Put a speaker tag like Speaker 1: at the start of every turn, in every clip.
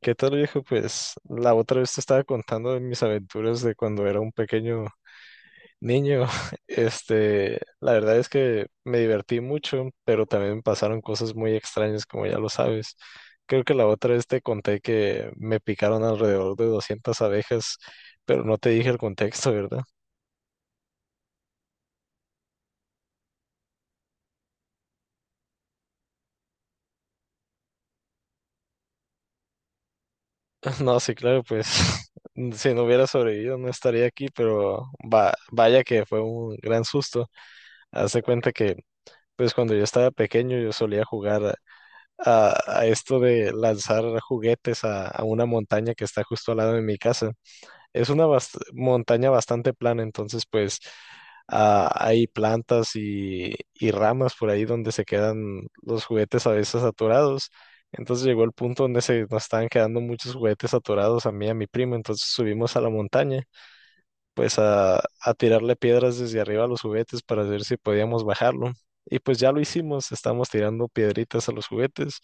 Speaker 1: ¿Qué tal, viejo? Pues la otra vez te estaba contando de mis aventuras de cuando era un pequeño niño. La verdad es que me divertí mucho, pero también pasaron cosas muy extrañas, como ya lo sabes. Creo que la otra vez te conté que me picaron alrededor de 200 abejas, pero no te dije el contexto, ¿verdad? No, sí, claro, pues si no hubiera sobrevivido no estaría aquí, pero vaya que fue un gran susto. Haz de cuenta que, pues cuando yo estaba pequeño yo solía jugar a esto de lanzar juguetes a una montaña que está justo al lado de mi casa. Es una montaña bastante plana, entonces pues hay plantas y ramas por ahí donde se quedan los juguetes a veces atorados. Entonces llegó el punto donde se nos estaban quedando muchos juguetes atorados a mí y a mi primo, entonces subimos a la montaña pues a tirarle piedras desde arriba a los juguetes para ver si podíamos bajarlo. Y pues ya lo hicimos, estamos tirando piedritas a los juguetes.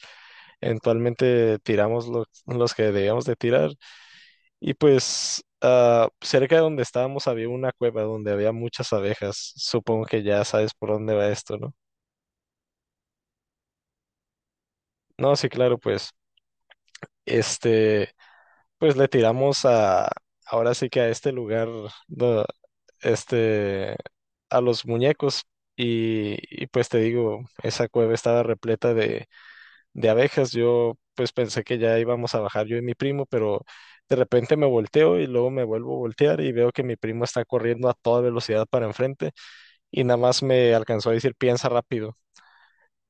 Speaker 1: Eventualmente tiramos los que debíamos de tirar. Y pues cerca de donde estábamos había una cueva donde había muchas abejas. Supongo que ya sabes por dónde va esto, ¿no? No, sí, claro, pues este... Pues le tiramos a, ahora sí que a este lugar, do- este, a los muñecos. Y, y pues te digo, esa cueva estaba repleta de abejas. Yo pues pensé que ya íbamos a bajar yo y mi primo, pero de repente me volteo y luego me vuelvo a voltear y veo que mi primo está corriendo a toda velocidad para enfrente y nada más me alcanzó a decir piensa rápido.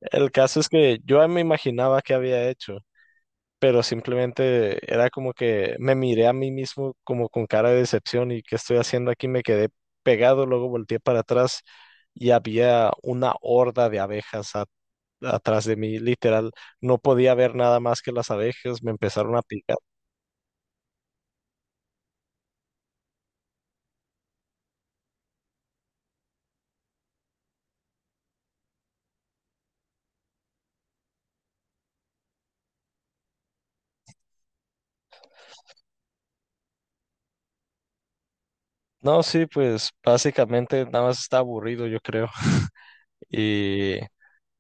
Speaker 1: El caso es que yo ya me imaginaba qué había hecho, pero simplemente era como que me miré a mí mismo como con cara de decepción y qué estoy haciendo aquí, me quedé pegado, luego volteé para atrás y había una horda de abejas atrás de mí, literal, no podía ver nada más que las abejas, me empezaron a picar. No, sí, pues básicamente nada más está aburrido, yo creo. Y,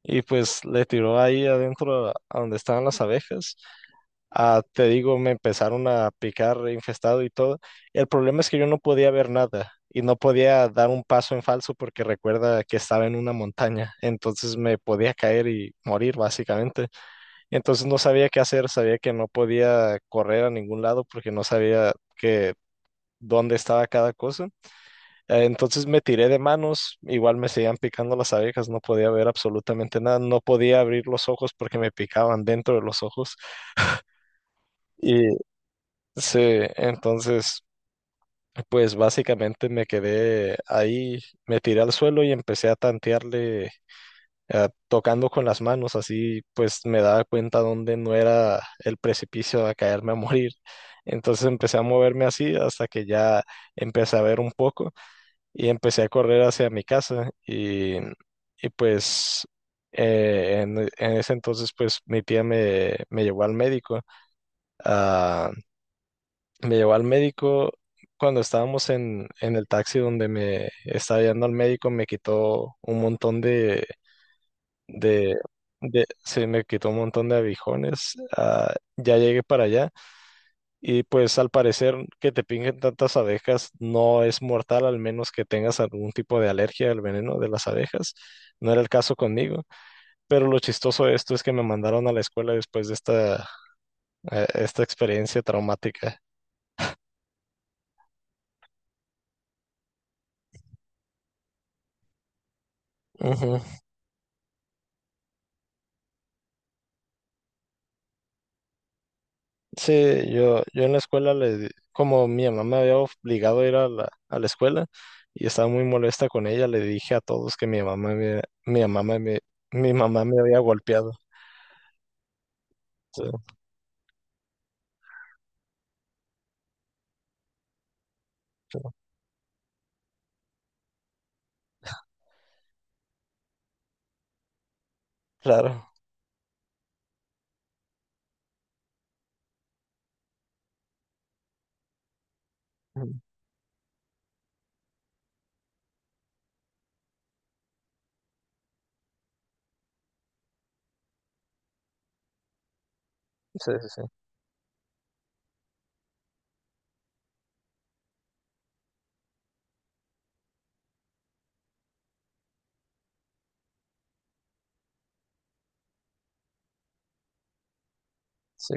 Speaker 1: y pues le tiró ahí adentro a donde estaban las abejas. Te digo, me empezaron a picar infestado y todo. El problema es que yo no podía ver nada y no podía dar un paso en falso porque recuerda que estaba en una montaña, entonces me podía caer y morir básicamente. Entonces no sabía qué hacer, sabía que no podía correr a ningún lado porque no sabía que dónde estaba cada cosa. Entonces me tiré de manos, igual me seguían picando las abejas, no podía ver absolutamente nada, no podía abrir los ojos porque me picaban dentro de los ojos. Sí, entonces, pues básicamente me quedé ahí, me tiré al suelo y empecé a tantearle, tocando con las manos, así pues me daba cuenta dónde no era el precipicio a caerme a morir. Entonces empecé a moverme así hasta que ya empecé a ver un poco y empecé a correr hacia mi casa y pues en ese entonces pues mi tía me llevó al médico. ah, Me llevó al médico cuando estábamos en el taxi donde me estaba yendo al médico, me quitó un montón de, de sí, me quitó un montón de abijones. Ya llegué para allá y pues al parecer que te pingen tantas abejas no es mortal, al menos que tengas algún tipo de alergia al veneno de las abejas. No era el caso conmigo, pero lo chistoso de esto es que me mandaron a la escuela después de esta experiencia traumática. Ujú. Sí, yo en la escuela, como mi mamá me había obligado a ir a a la escuela y estaba muy molesta con ella, le dije a todos que mi mamá me había golpeado. Sí, sí, claro. Ujú. Sí, sí, sí. Sí.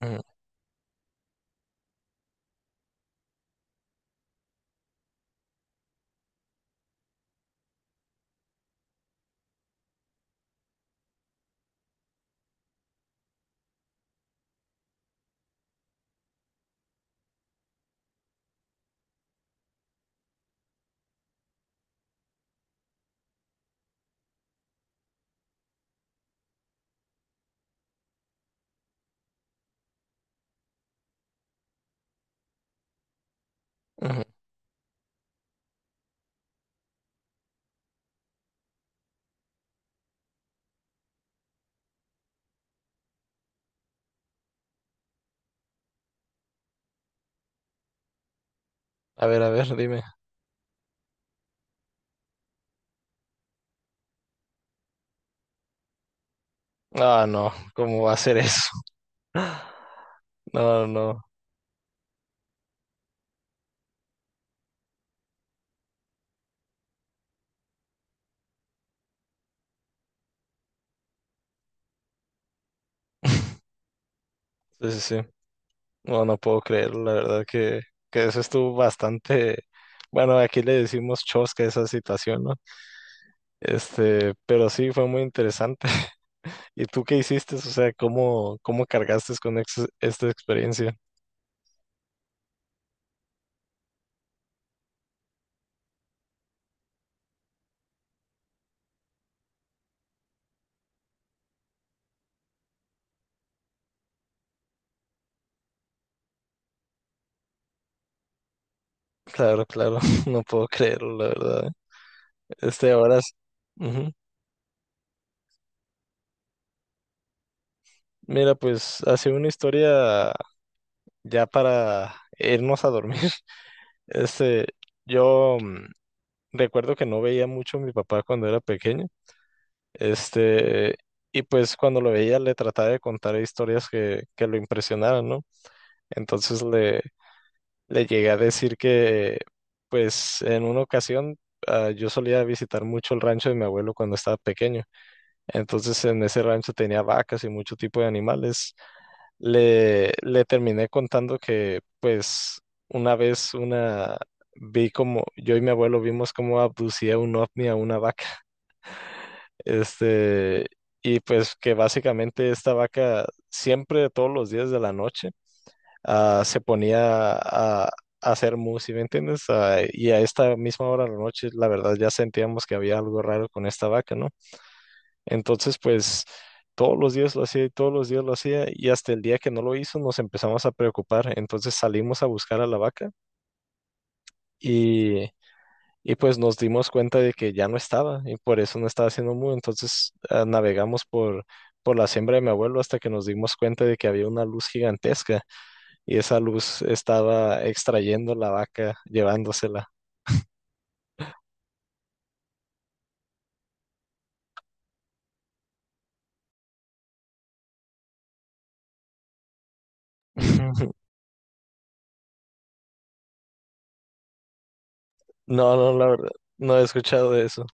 Speaker 1: Ujú, ujú. A ver, dime. Ah, no, ¿cómo va a ser eso? No, no. Sí, sí, sí. No, no puedo creerlo, la verdad que eso estuvo bastante... Bueno, aquí le decimos chosca a esa situación, ¿no? Pero sí fue muy interesante. ¿Y tú qué hiciste? O sea, cómo cargaste con esta experiencia? Claro, claro, no puedo creerlo, la verdad. Este, ahora, s- ujú. Mira, pues ha sido una historia ya para irnos a dormir. Este, yo mm, recuerdo que no veía mucho a mi papá cuando era pequeño. Este, y pues cuando lo veía le trataba de contar historias que lo impresionaran, ¿no? Entonces le, Le llegué a decir que, pues, en una ocasión yo solía visitar mucho el rancho de mi abuelo cuando estaba pequeño. Entonces, en ese rancho tenía vacas y mucho tipo de animales. Le terminé contando que, pues, una vez una vi como yo y mi abuelo vimos cómo abducía un ovni a una vaca. Este, y pues que básicamente esta vaca siempre todos los días de la noche se ponía a hacer música me entiendes? Ah, y a esta misma hora de la noche, la verdad, ya sentíamos que había algo raro con esta vaca, ¿no? Entonces, pues todos los días lo hacía y todos los días lo hacía y hasta el día que no lo hizo nos empezamos a preocupar. Entonces salimos a buscar a la vaca y... Y pues nos dimos cuenta de que ya no estaba y por eso no estaba haciendo mu. Entonces por la siembra de mi abuelo hasta que nos dimos cuenta de que había una luz gigantesca y esa luz estaba extrayendo la vaca, llevándosela. No, no, la verdad, no he escuchado de eso.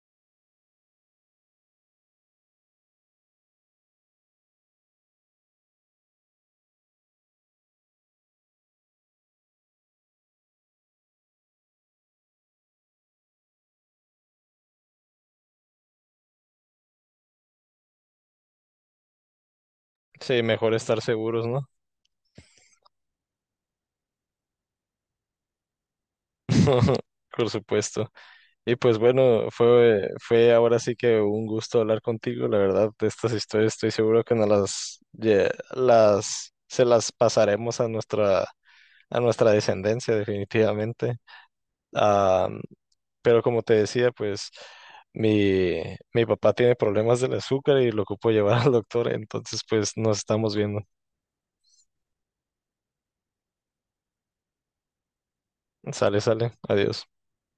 Speaker 1: Sí, mejor estar seguros, ¿no? Por supuesto. Y pues bueno, fue ahora sí que un gusto hablar contigo. La verdad, de estas historias estoy seguro que nos las, lle- las se las pasaremos a nuestra descendencia, definitivamente. Pero como te decía, pues mi, mi papá tiene problemas del azúcar y lo ocupo llevar al doctor, entonces pues nos estamos viendo. Sale, sale, adiós.